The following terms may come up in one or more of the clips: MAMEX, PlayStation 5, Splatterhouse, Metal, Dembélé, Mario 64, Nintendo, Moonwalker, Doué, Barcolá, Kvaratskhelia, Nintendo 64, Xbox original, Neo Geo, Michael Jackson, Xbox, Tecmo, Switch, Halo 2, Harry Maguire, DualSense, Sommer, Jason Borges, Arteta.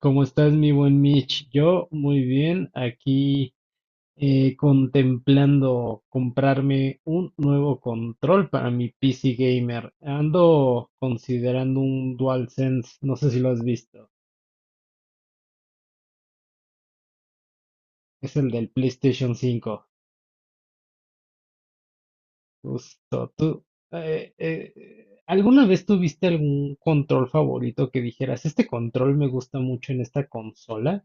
¿Cómo estás, mi buen Mitch? Yo muy bien, aquí contemplando comprarme un nuevo control para mi PC gamer. Ando considerando un DualSense, no sé si lo has visto. Es el del PlayStation 5. Justo, tú. ¿Alguna vez tuviste algún control favorito que dijeras, este control me gusta mucho en esta consola?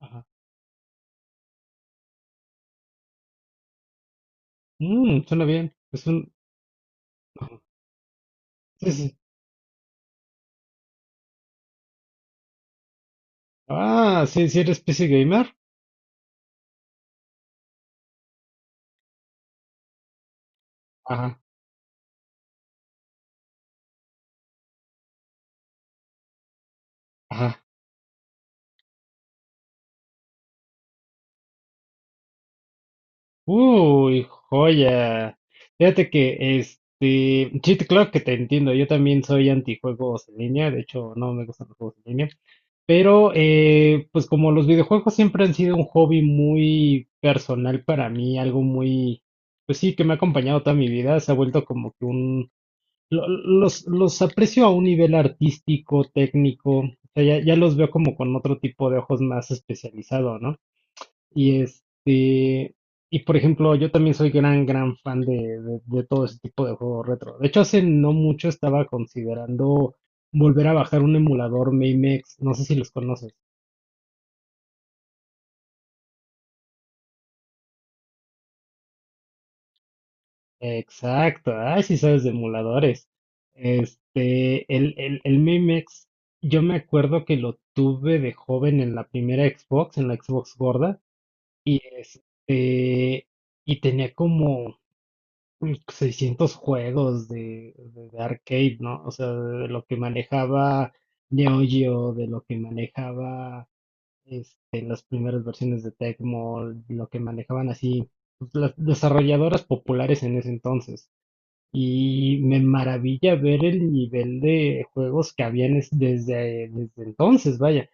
Ajá. Mm, suena bien. Es un. Ajá. Sí, sí. Ah, sí, sí eres PC gamer. Ajá, ajá. Uy, joya. Fíjate que sí, claro que te entiendo. Yo también soy antijuegos en línea. De hecho, no me gustan los juegos en línea. Pero, pues como los videojuegos siempre han sido un hobby muy personal para mí, algo muy, pues sí, que me ha acompañado toda mi vida, se ha vuelto como que los aprecio a un nivel artístico, técnico, o sea, ya los veo como con otro tipo de ojos más especializado, ¿no? Y y por ejemplo, yo también soy gran, gran fan de todo ese tipo de juegos retro. De hecho, hace no mucho estaba considerando volver a bajar un emulador MAMEX, no sé si los conoces. Exacto, ay, sí sabes de emuladores. El MAMEX, yo me acuerdo que lo tuve de joven en la primera Xbox, en la Xbox gorda, y este, y tenía como 600 juegos de arcade, ¿no? O sea, de lo que manejaba Neo Geo, de lo que manejaba las primeras versiones de Tecmo, lo que manejaban así pues, las desarrolladoras populares en ese entonces. Y me maravilla ver el nivel de juegos que habían desde entonces, vaya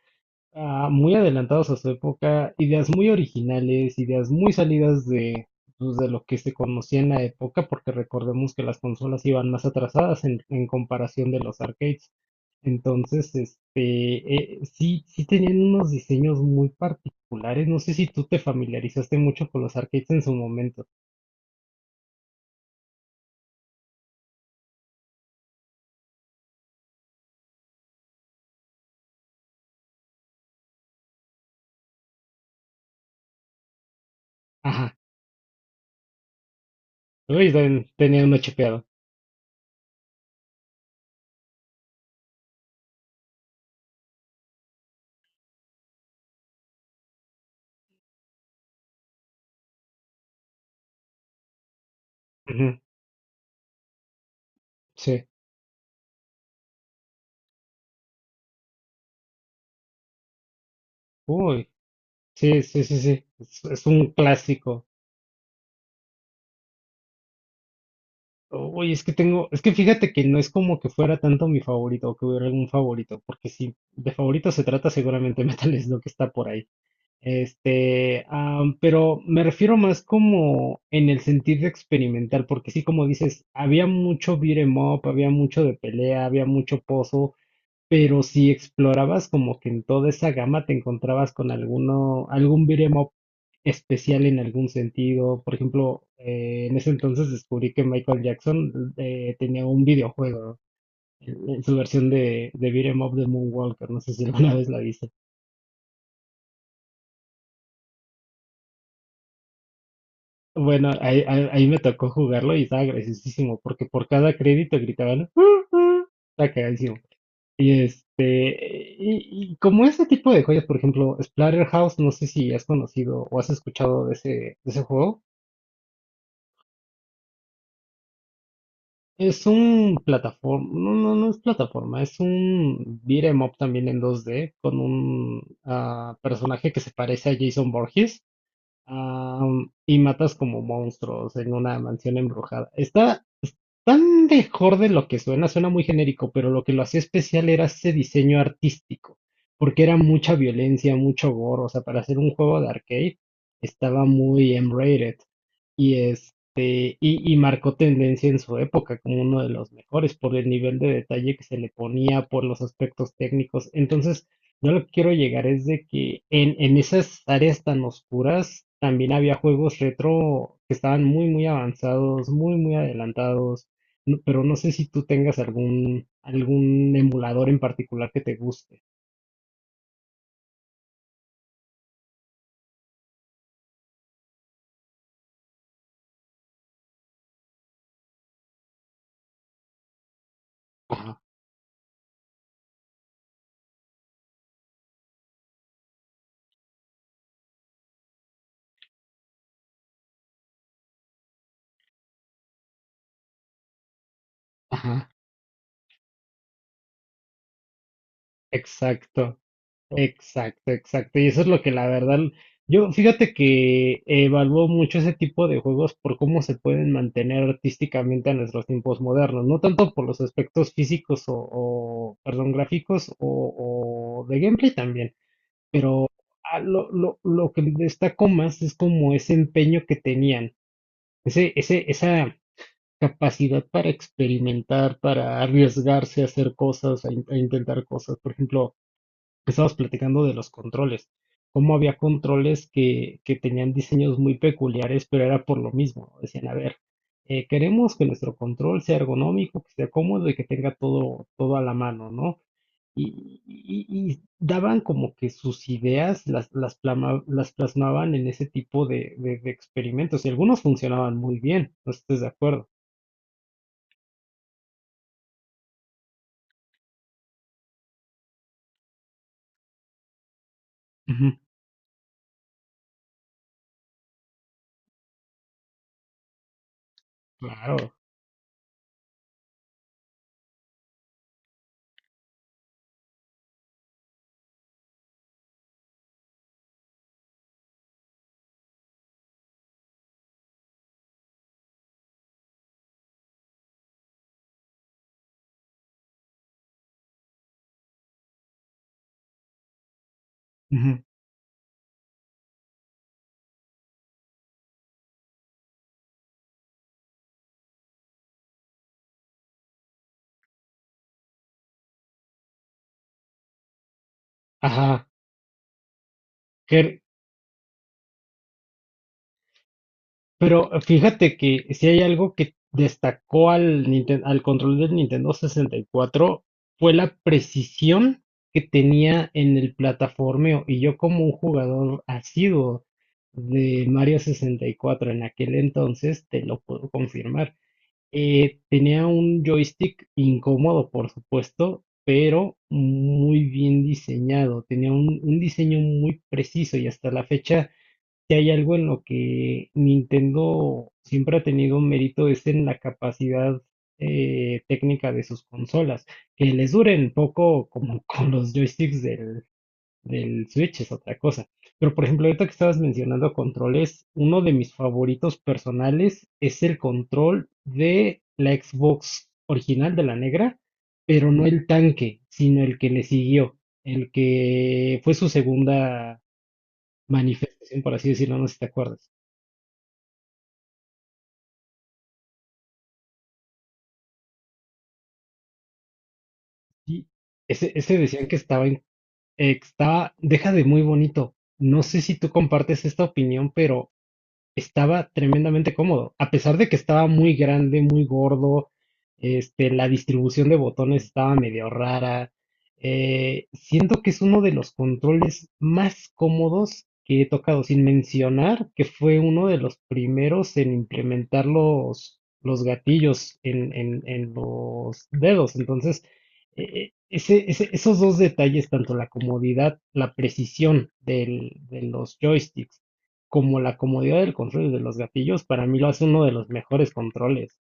muy adelantados a su época, ideas muy originales, ideas muy salidas de, pues, de lo que se conocía en la época, porque recordemos que las consolas iban más atrasadas en comparación de los arcades. Entonces, sí, sí tenían unos diseños muy particulares. No sé si tú te familiarizaste mucho con los arcades en su momento. Ajá. Uy, tenía uno chipeado. Ujú, sí. Uy, sí, sí, sí, sí. Es un clásico. Uy, es que tengo, es que fíjate que no es como que fuera tanto mi favorito o que hubiera algún favorito, porque si de favorito se trata, seguramente Metal es lo que está por ahí. Pero me refiero más como en el sentido experimental, porque sí, como dices, había mucho beat 'em up, había mucho de pelea, había mucho pozo, pero si explorabas como que en toda esa gama te encontrabas con algún beat'em up especial en algún sentido. Por ejemplo, en ese entonces descubrí que Michael Jackson tenía un videojuego en su versión de beat'em up de Moonwalker. No sé si alguna vez la viste. Bueno, ahí me tocó jugarlo y estaba graciosísimo porque por cada crédito gritaban, uh", está cagadísimo. Y y como ese tipo de joyas, por ejemplo, Splatterhouse, no sé si has conocido o has escuchado de ese juego. Es un plataforma, no, no, no es plataforma, es un beat 'em up también en 2D con un personaje que se parece a Jason Borges. Y matas como monstruos en una mansión embrujada. Está tan mejor de lo que suena, suena muy genérico, pero lo que lo hacía especial era ese diseño artístico, porque era mucha violencia, mucho gore, o sea, para hacer un juego de arcade estaba muy M-rated y marcó tendencia en su época como uno de los mejores por el nivel de detalle que se le ponía, por los aspectos técnicos. Entonces, yo lo que quiero llegar es de que en esas áreas tan oscuras también había juegos retro que estaban muy, muy avanzados, muy, muy adelantados, pero no sé si tú tengas algún emulador en particular que te guste. Ajá, ajá. Exacto. Exacto, exacto. Y eso es lo que la verdad, yo fíjate que evalúo mucho ese tipo de juegos por cómo se pueden mantener artísticamente a nuestros tiempos modernos, no tanto por los aspectos físicos perdón, gráficos o de gameplay también, pero lo que destaco más es como ese empeño que tenían, esa capacidad para experimentar, para arriesgarse a hacer cosas, a intentar cosas. Por ejemplo, estábamos platicando de los controles, cómo había controles que tenían diseños muy peculiares, pero era por lo mismo. Decían, a ver, queremos que nuestro control sea ergonómico, que sea cómodo y que tenga todo, todo a la mano, ¿no? Y, y- y daban como que sus ideas las plasmaban en ese tipo de experimentos y algunos funcionaban muy bien, no sé si estés de acuerdo. Ujú, claro. Ujú. Ajá. Pero fíjate que si hay algo que destacó al control del Nintendo 64 fue la precisión que tenía en el plataformeo. Y yo como un jugador asiduo de Mario 64 en aquel entonces, te lo puedo confirmar. Tenía un joystick incómodo, por supuesto, pero muy bien diseñado. Tenía un diseño muy preciso y hasta la fecha si hay algo en lo que Nintendo siempre ha tenido un mérito es en la capacidad técnica de sus consolas. Que les duren poco como con los joysticks del Switch es otra cosa. Pero por ejemplo, ahorita que estabas mencionando controles, uno de mis favoritos personales es el control de la Xbox original de la negra, pero no el tanque, sino el que le siguió, el que fue su segunda manifestación, por así decirlo, no sé si te acuerdas. Sí, ese decían que estaba, deja de muy bonito. No sé si tú compartes esta opinión, pero estaba tremendamente cómodo. A pesar de que estaba muy grande, muy gordo, la distribución de botones estaba medio rara. Siento que es uno de los controles más cómodos que he tocado, sin mencionar que fue uno de los primeros en implementar los gatillos en los dedos. Entonces, esos dos detalles, tanto la comodidad, la precisión de los joysticks, como la comodidad del control y de los gatillos, para mí lo hace uno de los mejores controles.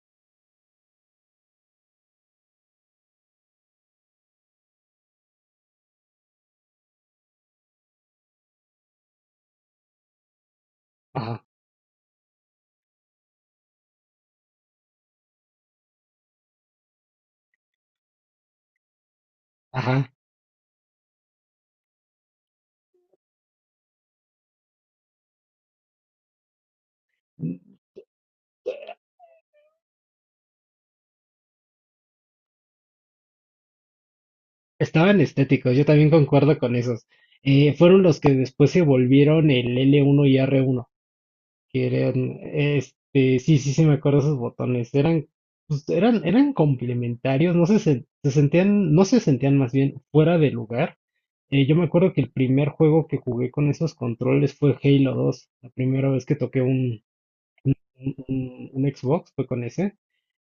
Ajá, ajá. Estaban estéticos, yo también concuerdo con esos. Fueron los que después se volvieron el L1 y R1, que eran, sí, sí, sí me acuerdo esos botones, pues, eran complementarios, no se, sen- se sentían, no se sentían más bien fuera de lugar. Yo me acuerdo que el primer juego que jugué con esos controles fue Halo 2, la primera vez que toqué un Xbox, fue con ese,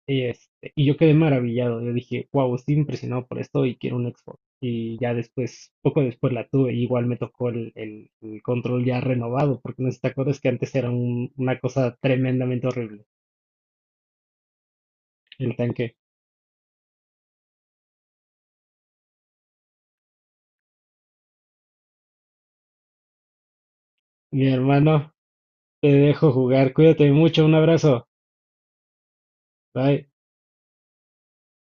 y yo quedé maravillado, yo dije, wow, estoy impresionado por esto y quiero un Xbox. Y ya después, poco después la tuve, y igual me tocó el control ya renovado, porque no sé si te acuerdas que antes era una cosa tremendamente horrible, el tanque. Mi hermano, te dejo jugar, cuídate mucho, un abrazo, bye.